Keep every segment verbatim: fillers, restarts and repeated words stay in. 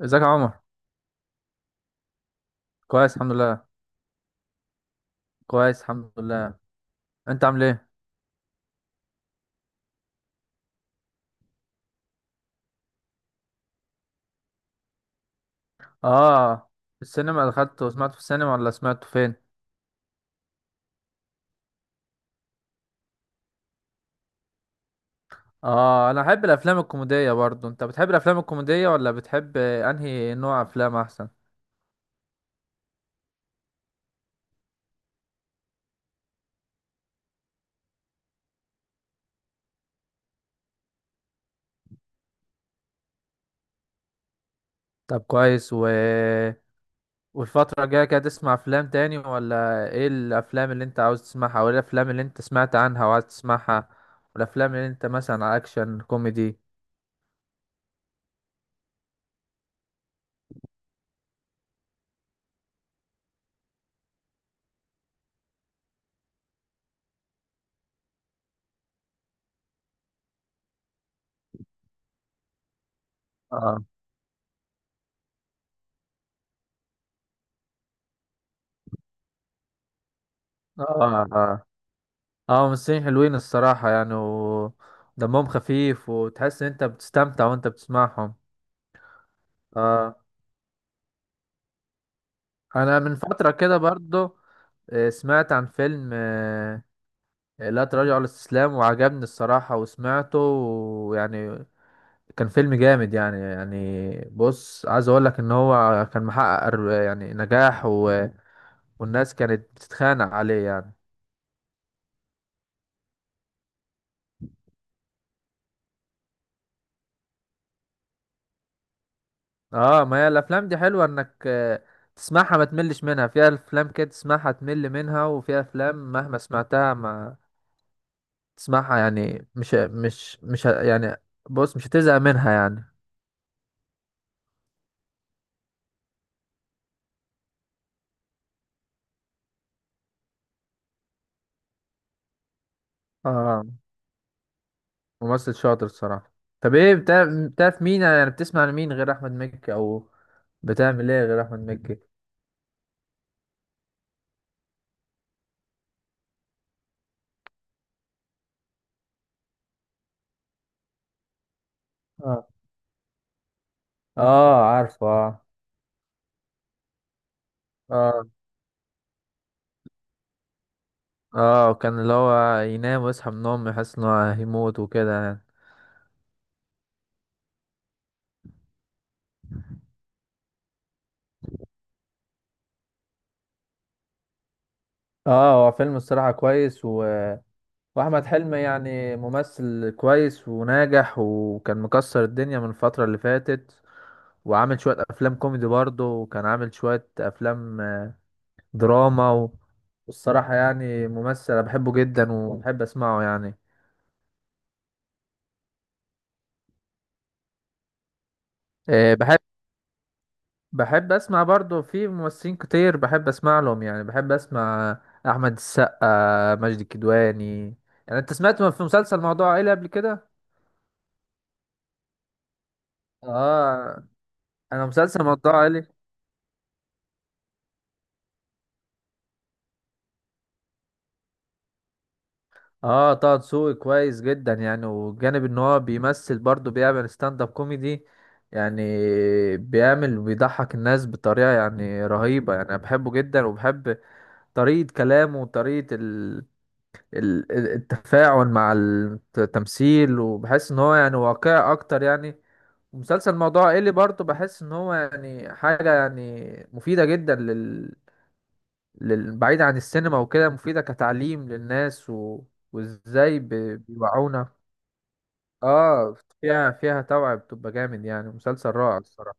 ازيك يا عمر. كويس الحمد لله. كويس الحمد لله. انت عامل ايه؟ اه. السينما دخلت وسمعته في السينما ولا سمعته فين؟ اه، انا بحب الافلام الكوميديه برضو. انت بتحب الافلام الكوميديه ولا بتحب انهي نوع افلام احسن؟ طب كويس و... والفتره الجايه كده تسمع افلام تاني، ولا ايه الافلام اللي انت عاوز تسمعها، وايه الافلام اللي انت سمعت عنها وعايز تسمعها، والافلام اللي انت مثلا اكشن كوميدي؟ اه، اه، اه، اه، ممثلين حلوين الصراحة يعني، ودمهم خفيف وتحس ان انت بتستمتع وانت بتسمعهم. اه، انا من فترة كده برضو آه، سمعت عن فيلم آه، لا تراجع ولا استسلام، وعجبني الصراحة وسمعته، ويعني كان فيلم جامد يعني. يعني بص، عايز اقول لك ان هو كان محقق أر- يعني نجاح و... والناس كانت بتتخانق عليه يعني. اه، ما هي الافلام دي حلوه انك آه، تسمعها ما تملش منها. فيها افلام كده تسمعها تمل منها، وفيها افلام مهما سمعتها ما تسمعها يعني، مش مش مش ه- يعني بص، مش هتزهق منها يعني. اه، ممثل شاطر الصراحه. طب ايه بتاع؟ بتعرف مين يعني؟ بتسمع لمين غير احمد مكي، او بتعمل ايه غير احمد مكي؟ اه، اه، عارفه اه. اه، اه، كان اللي هو ينام ويصحى من النوم يحس انه هيموت وكده يعني. اه، هو فيلم الصراحة كويس، واحمد حلمي يعني ممثل كويس وناجح، وكان مكسر الدنيا من الفترة اللي فاتت، وعامل شوية افلام كوميدي برضه، وكان عامل شوية افلام آه، دراما و... والصراحة يعني ممثل أنا بحبه جدا وبحب اسمعه يعني. آه، بحب بحب اسمع برضه. في ممثلين كتير بحب اسمع لهم يعني. بحب اسمع احمد السقا، ماجد الكدواني. يعني انت سمعت في مسلسل موضوع عائلي قبل كده؟ اه، انا مسلسل موضوع عائلي. اه، طه دسوقي كويس جدا يعني، وجانب ان هو بيمثل برضه بيعمل ستاند اب كوميدي يعني. بيعمل وبيضحك الناس بطريقة يعني رهيبة يعني. انا بحبه جدا، وبحب طريقة كلامه وطريقة ال... ال... ال- التفاعل مع التمثيل، وبحس ان هو يعني واقعي اكتر يعني. ومسلسل موضوع ايه اللي برضه بحس ان هو يعني حاجة يعني مفيدة جدا، لل- بعيد عن السينما وكده، مفيدة كتعليم للناس و... وازاي ب... بيوعونا. اه، فيها فيها توعية، بتبقى جامد يعني، مسلسل رائع الصراحة.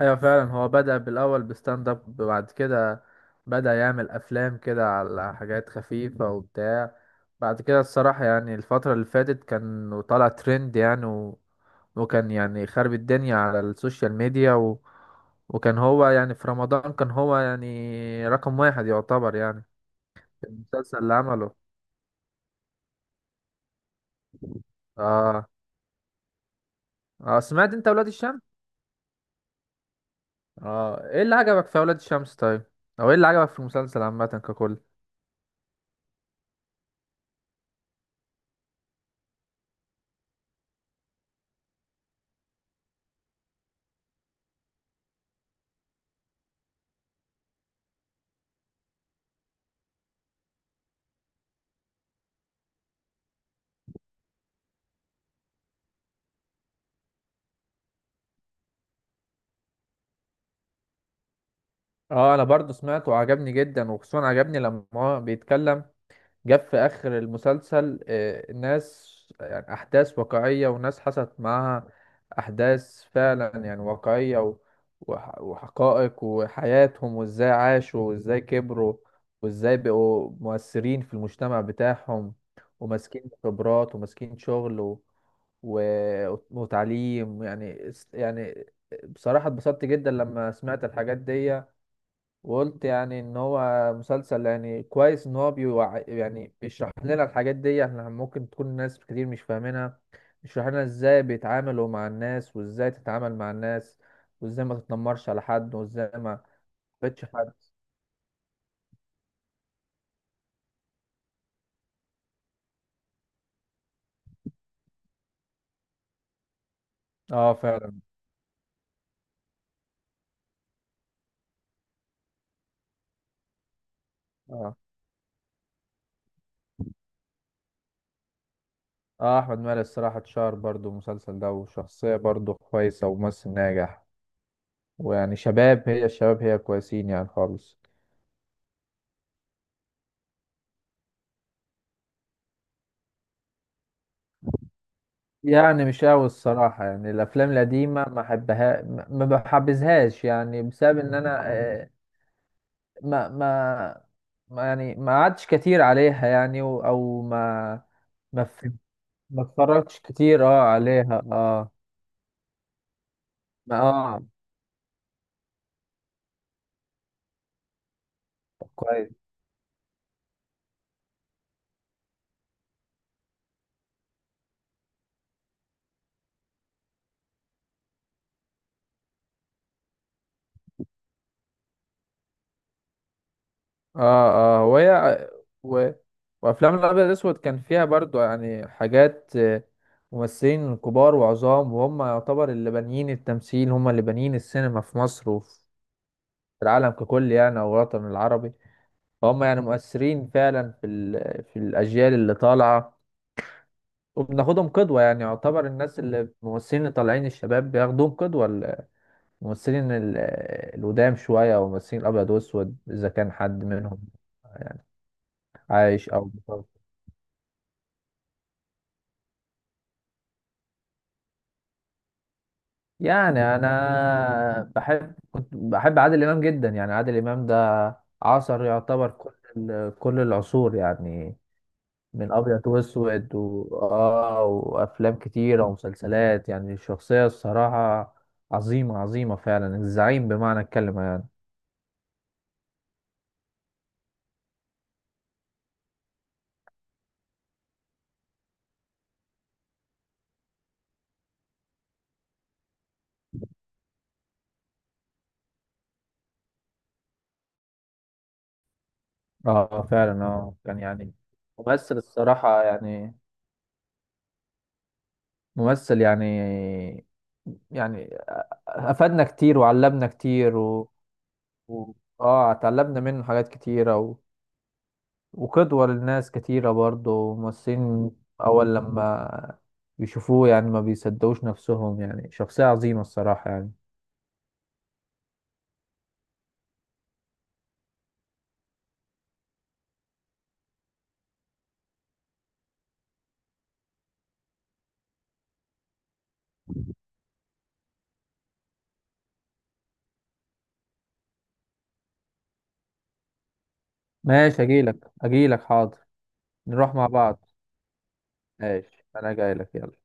ايوه فعلا، هو بدأ بالاول بستاند اب، بعد كده بدأ يعمل افلام كده على حاجات خفيفة وبتاع. بعد كده الصراحة يعني الفترة اللي فاتت كان طالع ترند يعني، و... وكان يعني خرب الدنيا على السوشيال ميديا، و... وكان هو يعني في رمضان كان هو يعني رقم واحد يعتبر يعني. المسلسل اللي عمله. اه، اه، سمعت انت اولاد الشمس؟ اه، ايه اللي عجبك في اولاد الشمس طيب؟ او ايه اللي عجبك في المسلسل عامه ككل؟ اه، انا برضو سمعته وعجبني جدا، وخصوصا عجبني لما هو بيتكلم، جاب في آخر المسلسل آه، ناس، يعني أحداث واقعية وناس حصلت معاها أحداث فعلا يعني واقعية و- وح- وحقائق وحياتهم، وإزاي عاشوا وإزاي كبروا، وإزاي بقوا مؤثرين في المجتمع بتاعهم، وماسكين خبرات وماسكين شغل و... و... وتعليم يعني يعني. بصراحة اتبسطت جدا لما سمعت الحاجات دي، وقلت يعني ان هو مسلسل يعني كويس، ان هو بيوع... يعني بيشرح لنا الحاجات دي. احنا ممكن تكون ناس كتير مش فاهمينها. بيشرح لنا ازاي بيتعاملوا مع الناس، وازاي تتعامل مع الناس، وازاي ما تتنمرش على حد، وازاي ما تبتش حد. اه فعلا. اه. اه، احمد مالك الصراحة اتشهر برضو المسلسل ده، وشخصية برضو كويسة وممثل ناجح، ويعني شباب هي الشباب هي كويسين يعني خالص. يعني مش قوي الصراحة يعني، الأفلام القديمة ما أحبها، ما ما بحبذهاش يعني، بسبب إن أنا آه، ما ما ما يعني ما قعدتش كتير عليها يعني و- أو ما ما ف- ما اتفرجتش كتير أه عليها أه. ما أه. كويس أه. أه وهي و... وأفلام الأبيض الأسود كان فيها برضو يعني حاجات آه، ممثلين كبار وعظام، وهم يعتبر اللي بانيين التمثيل، هم اللي بانيين السينما في مصر، في العالم ككل يعني، او الوطن العربي. فهم يعني مؤثرين فعلا في ال... في الاجيال اللي طالعه، وبناخدهم قدوه يعني. يعتبر الناس اللي الممثلين اللي طالعين الشباب بياخدوهم قدوه، الممثلين ال- القدام شويه، او الممثلين الابيض واسود اذا كان حد منهم عايش او متوفى. يعني انا بحب، كنت بحب عادل امام جدا يعني. عادل امام ده عصر يعتبر كل ال- كل العصور يعني، من ابيض واسود و... اه، وافلام كتيره ومسلسلات يعني. الشخصيه الصراحه عظيمه عظيمه فعلا. الزعيم بمعنى الكلمه يعني. اه فعلا، اه كان يعني ممثل الصراحه يعني، ممثل يعني يعني افادنا كتير وعلمنا كتير و... و... اه اتعلمنا منه حاجات كتيره، وقدوة للناس كتيرة برضه. ممثلين أول لما يشوفوه يعني ما بيصدقوش نفسهم، يعني شخصية عظيمة الصراحة يعني. ماشي، أجيلك أجيلك حاضر، نروح مع بعض. ماشي، أنا جايلك يلا.